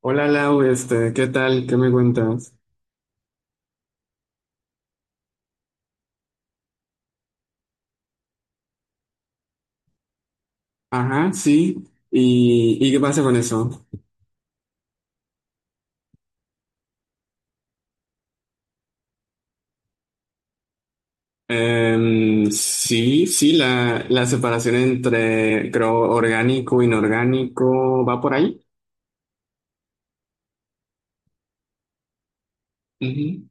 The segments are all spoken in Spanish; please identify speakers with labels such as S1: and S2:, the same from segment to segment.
S1: Hola Lau, ¿qué tal? ¿Qué me cuentas? Ajá, sí. ¿Y qué pasa con eso? Sí, sí, la separación entre, creo, orgánico, inorgánico, ¿va por ahí? Ujú,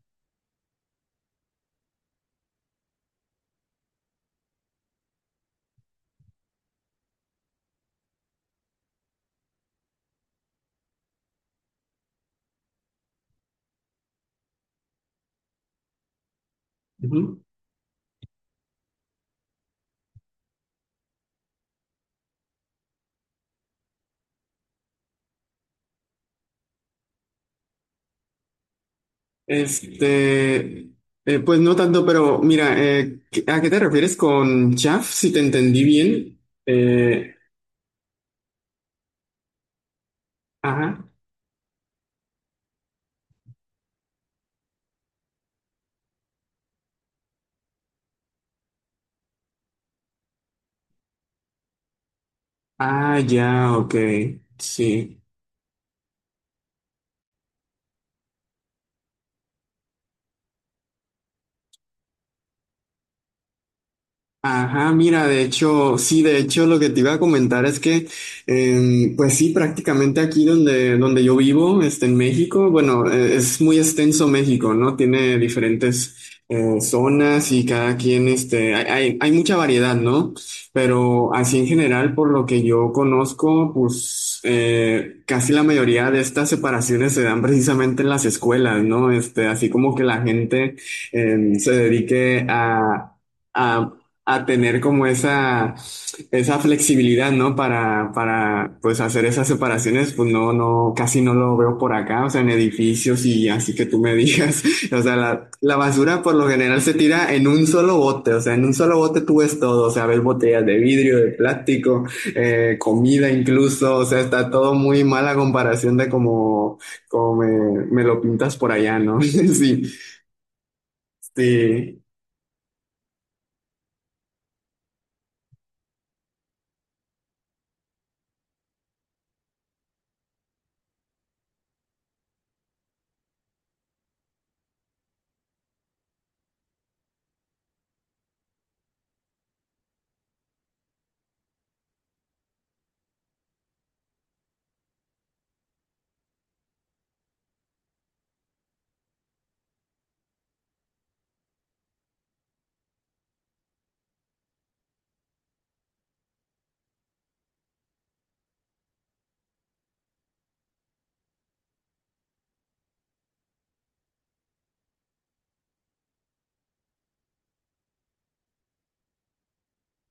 S1: ujú. Este, pues no tanto, pero mira, ¿a qué te refieres con chaff? Si te entendí bien. Eh, ajá. Ah, ya, ok. Sí. Ajá, mira, de hecho, sí, de hecho lo que te iba a comentar es que, pues sí, prácticamente aquí donde, donde yo vivo, en México, bueno, es muy extenso México, ¿no? Tiene diferentes zonas y cada quien, hay, hay mucha variedad, ¿no? Pero así en general, por lo que yo conozco, pues casi la mayoría de estas separaciones se dan precisamente en las escuelas, ¿no? Este, así como que la gente se dedique a... a a tener como esa flexibilidad, ¿no? Para, pues hacer esas separaciones, pues no, no, casi no lo veo por acá, o sea, en edificios y así que tú me digas, o sea, la basura por lo general se tira en un solo bote, o sea, en un solo bote tú ves todo, o sea, ves botellas de vidrio, de plástico, comida incluso, o sea, está todo muy mal a comparación de como, como me lo pintas por allá, ¿no? Sí, sí,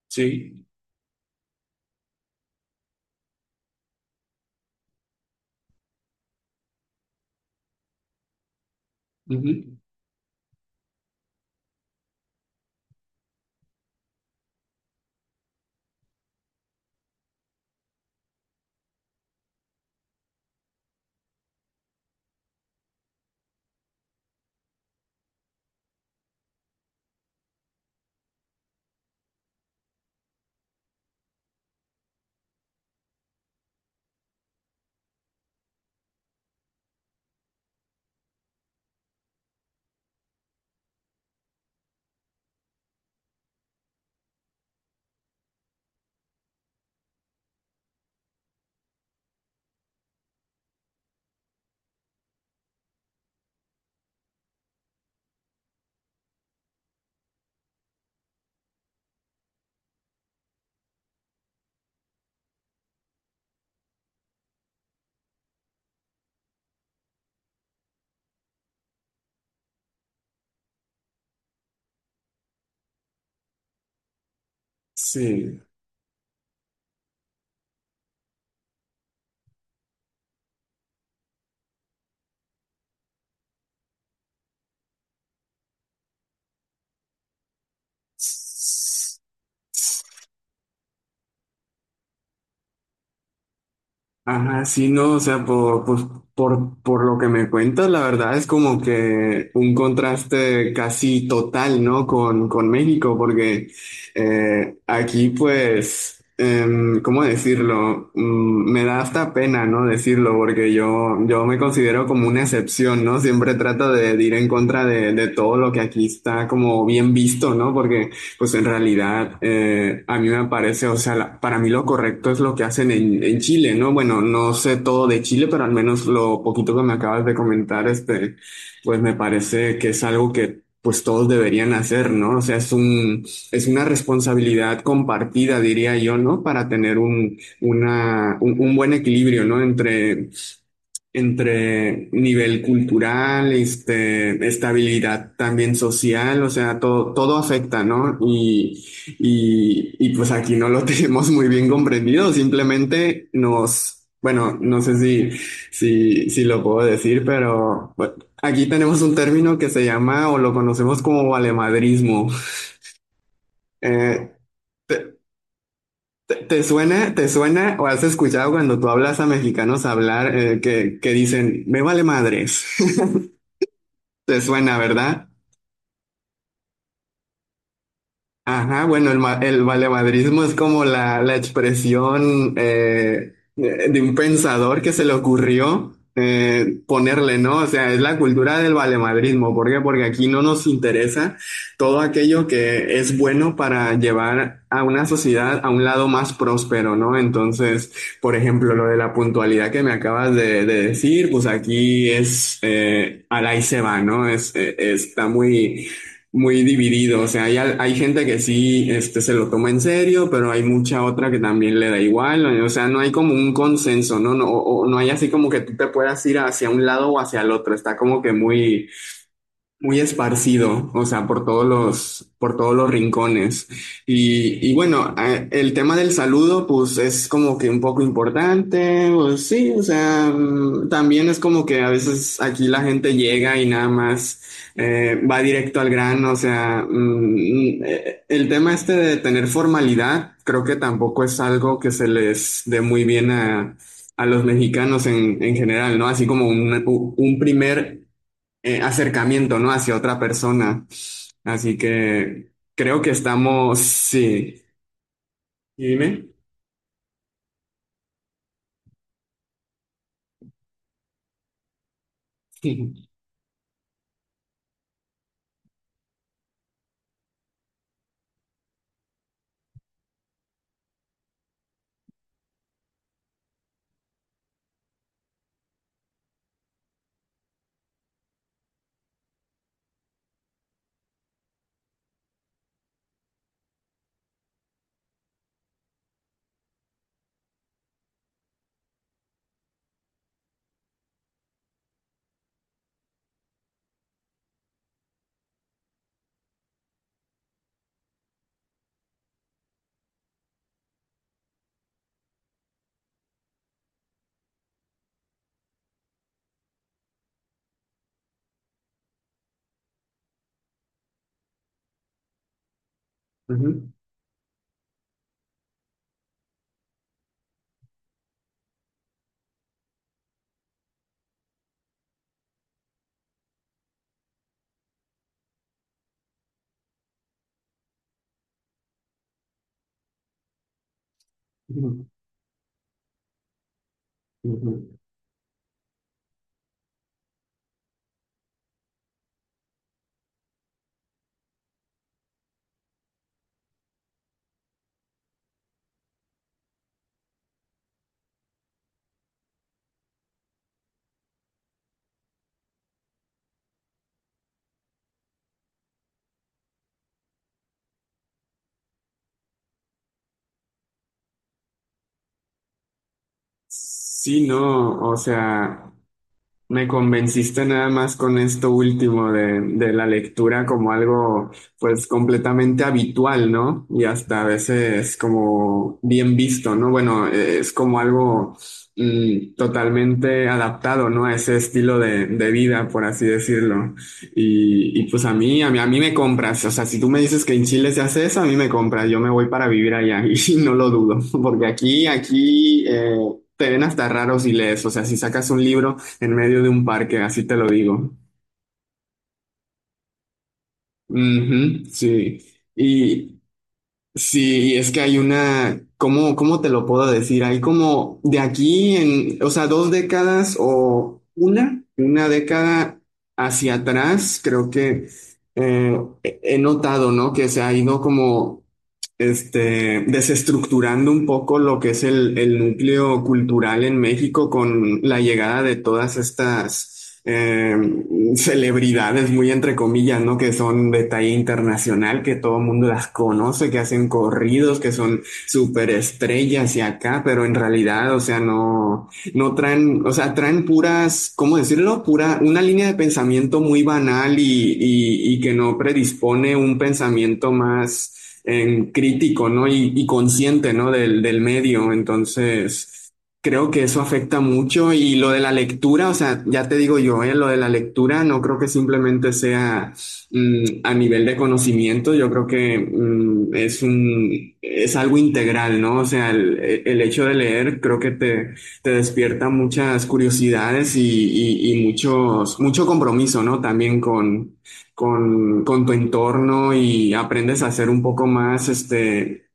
S1: Sí. Ujú. Sí. Ajá, sí, no, o sea, por, pues, por lo que me cuentas, la verdad es como que un contraste casi total, ¿no? Con México, porque aquí, pues, ¿cómo decirlo? Me da hasta pena, ¿no? Decirlo, porque yo me considero como una excepción, ¿no? Siempre trato de ir en contra de todo lo que aquí está como bien visto, ¿no? Porque pues en realidad, a mí me parece, o sea, la- para mí lo correcto es lo que hacen en Chile, ¿no? Bueno, no sé todo de Chile, pero al menos lo poquito que me acabas de comentar, pues me parece que es algo que pues todos deberían hacer, ¿no? O sea, es un, es una responsabilidad compartida, diría yo, ¿no? Para tener un, una, un buen equilibrio, ¿no? Entre entre nivel cultural, estabilidad también social, o sea, todo, todo afecta, ¿no? Y pues aquí no lo tenemos muy bien comprendido, simplemente nos, bueno, no sé si, si, si lo puedo decir, pero bueno, aquí tenemos un término que se llama o lo conocemos como valemadrismo. Eh, te, te- te suena o has escuchado cuando tú hablas a mexicanos hablar que dicen, ¿me vale madres? Te suena, ¿verdad? Ajá, bueno, el, ma- el valemadrismo es como la expresión de un pensador que se le ocurrió ponerle, ¿no? O sea, es la cultura del valemadrismo. ¿Por qué? Porque aquí no nos interesa todo aquello que es bueno para llevar a una sociedad a un lado más próspero, ¿no? Entonces, por ejemplo, lo de la puntualidad que me acabas de decir, pues aquí es, al ahí se va, ¿no? Es, está muy muy dividido. O sea, hay gente que sí este, se lo toma en serio, pero hay mucha otra que también le da igual. O sea, no hay como un consenso, ¿no? No, o, no hay así como que tú te puedas ir hacia un lado o hacia el otro. Está como que muy, muy esparcido, o sea, por todos los rincones. Y bueno, el tema del saludo, pues es como que un poco importante, pues sí, o sea, también es como que a veces aquí la gente llega y nada más va directo al grano, o sea, el tema este de tener formalidad, creo que tampoco es algo que se les dé muy bien a los mexicanos en general, ¿no? Así como un primer acercamiento, ¿no? Hacia otra persona. Así que creo que estamos, sí. ¿Y dime? Ujú, ujú, ujú. Sí, no, o sea. Me convenciste nada más con esto último de la lectura como algo pues completamente habitual, ¿no? Y hasta a veces como bien visto, ¿no? Bueno, es como algo totalmente adaptado, ¿no? A ese estilo de vida, por así decirlo. Y pues a mí, a mí, a mí me compras. O sea, si tú me dices que en Chile se hace eso, a mí me compras. Yo me voy para vivir allá y no lo dudo, porque aquí, aquí... te ven hasta raro si lees, o sea, si sacas un libro en medio de un parque, así te lo digo. Ujú, sí. Y sí, y es que hay una, ¿cómo, cómo te lo puedo decir? Hay como de aquí en, o sea, dos décadas o una década hacia atrás, creo que he he notado, ¿no? Que se ha ido como desestructurando un poco lo que es el núcleo cultural en México con la llegada de todas estas celebridades, muy entre comillas, ¿no? Que son de talla internacional, que todo el mundo las conoce, que hacen corridos, que son superestrellas y acá, pero en realidad, o sea, no no traen, o sea, traen puras, ¿cómo decirlo? Pura, una línea de pensamiento muy banal y que no predispone un pensamiento más crítico, ¿no? Y consciente, ¿no? Del, del medio. Entonces, creo que eso afecta mucho. Y lo de la lectura, o sea, ya te digo yo, ¿eh? Lo de la lectura no creo que simplemente sea a nivel de conocimiento, yo creo que es un, es algo integral, ¿no? O sea, el hecho de leer creo que te te despierta muchas curiosidades y muchos, mucho compromiso, ¿no? También con tu entorno y aprendes a ser un poco más,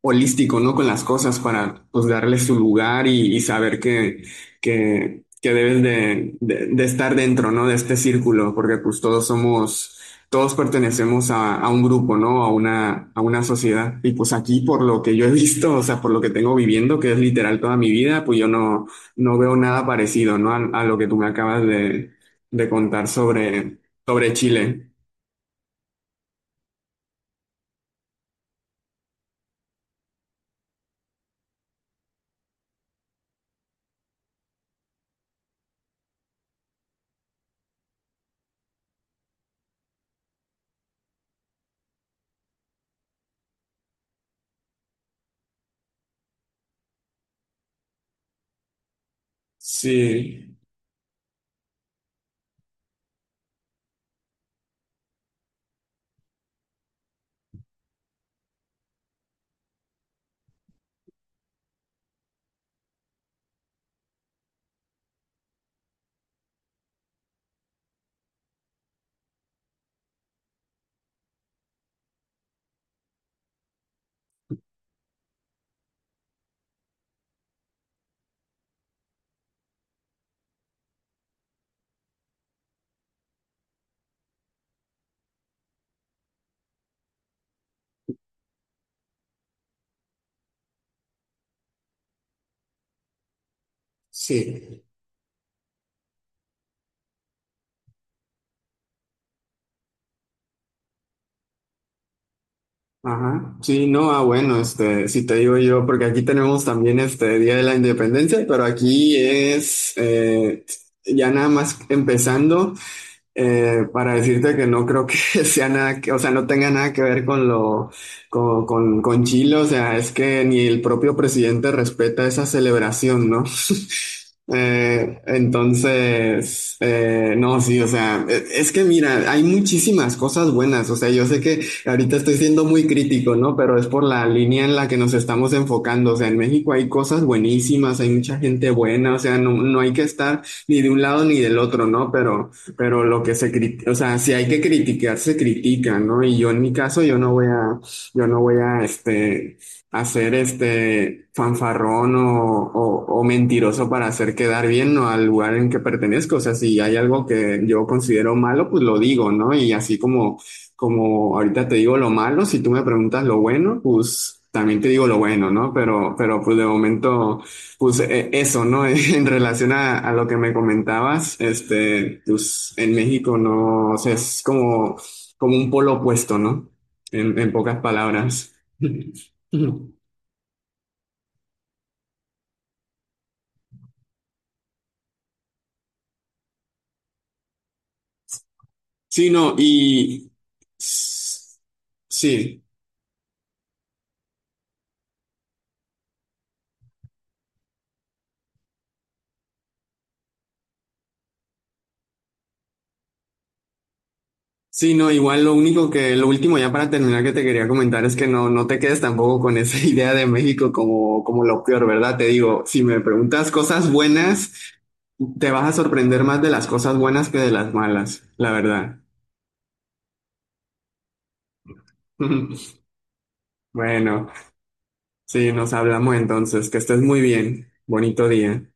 S1: holístico, ¿no? Con las cosas para pues darle su lugar y saber que debes de estar dentro, ¿no? De este círculo, porque pues todos somos, todos pertenecemos a un grupo, ¿no? A una sociedad. Y pues aquí, por lo que yo he visto, o sea, por lo que tengo viviendo, que es literal toda mi vida, pues yo no, no veo nada parecido, ¿no? A lo que tú me acabas de contar sobre, sobre Chile. Sí. Sí. Ajá, sí, no, ah, bueno, si te digo yo, porque aquí tenemos también este Día de la Independencia, pero aquí es ya nada más empezando. Para decirte que no creo que sea nada que, o sea, no tenga nada que ver con lo, con Chile, o sea, es que ni el propio presidente respeta esa celebración, ¿no? Entonces, no, sí, o sea, es que mira, hay muchísimas cosas buenas, o sea, yo sé que ahorita estoy siendo muy crítico, ¿no? Pero es por la línea en la que nos estamos enfocando, o sea, en México hay cosas buenísimas, hay mucha gente buena, o sea, no, no hay que estar ni de un lado ni del otro, ¿no? Pero lo que se critica, o sea, si hay que criticar, se critica, ¿no? Y yo en mi caso, yo no voy a, yo no voy a, hacer este fanfarrón o mentiroso para hacer quedar bien, ¿no? Al lugar en que pertenezco. O sea, si hay algo que yo considero malo, pues lo digo, ¿no? Y así como, como ahorita te digo lo malo, si tú me preguntas lo bueno, pues también te digo lo bueno, ¿no? Pero pues de momento. Pues eso, ¿no? En relación a lo que me comentabas, pues en México no, o sea, es como, como un polo opuesto, ¿no? En pocas palabras. Sí, no, y s- sí. Sí, no, igual lo único que, lo último ya para terminar que te quería comentar es que no, no te quedes tampoco con esa idea de México como, como lo peor, ¿verdad? Te digo, si me preguntas cosas buenas, te vas a sorprender más de las cosas buenas que de las malas, la verdad. Bueno, sí, nos hablamos entonces, que estés muy bien, bonito día.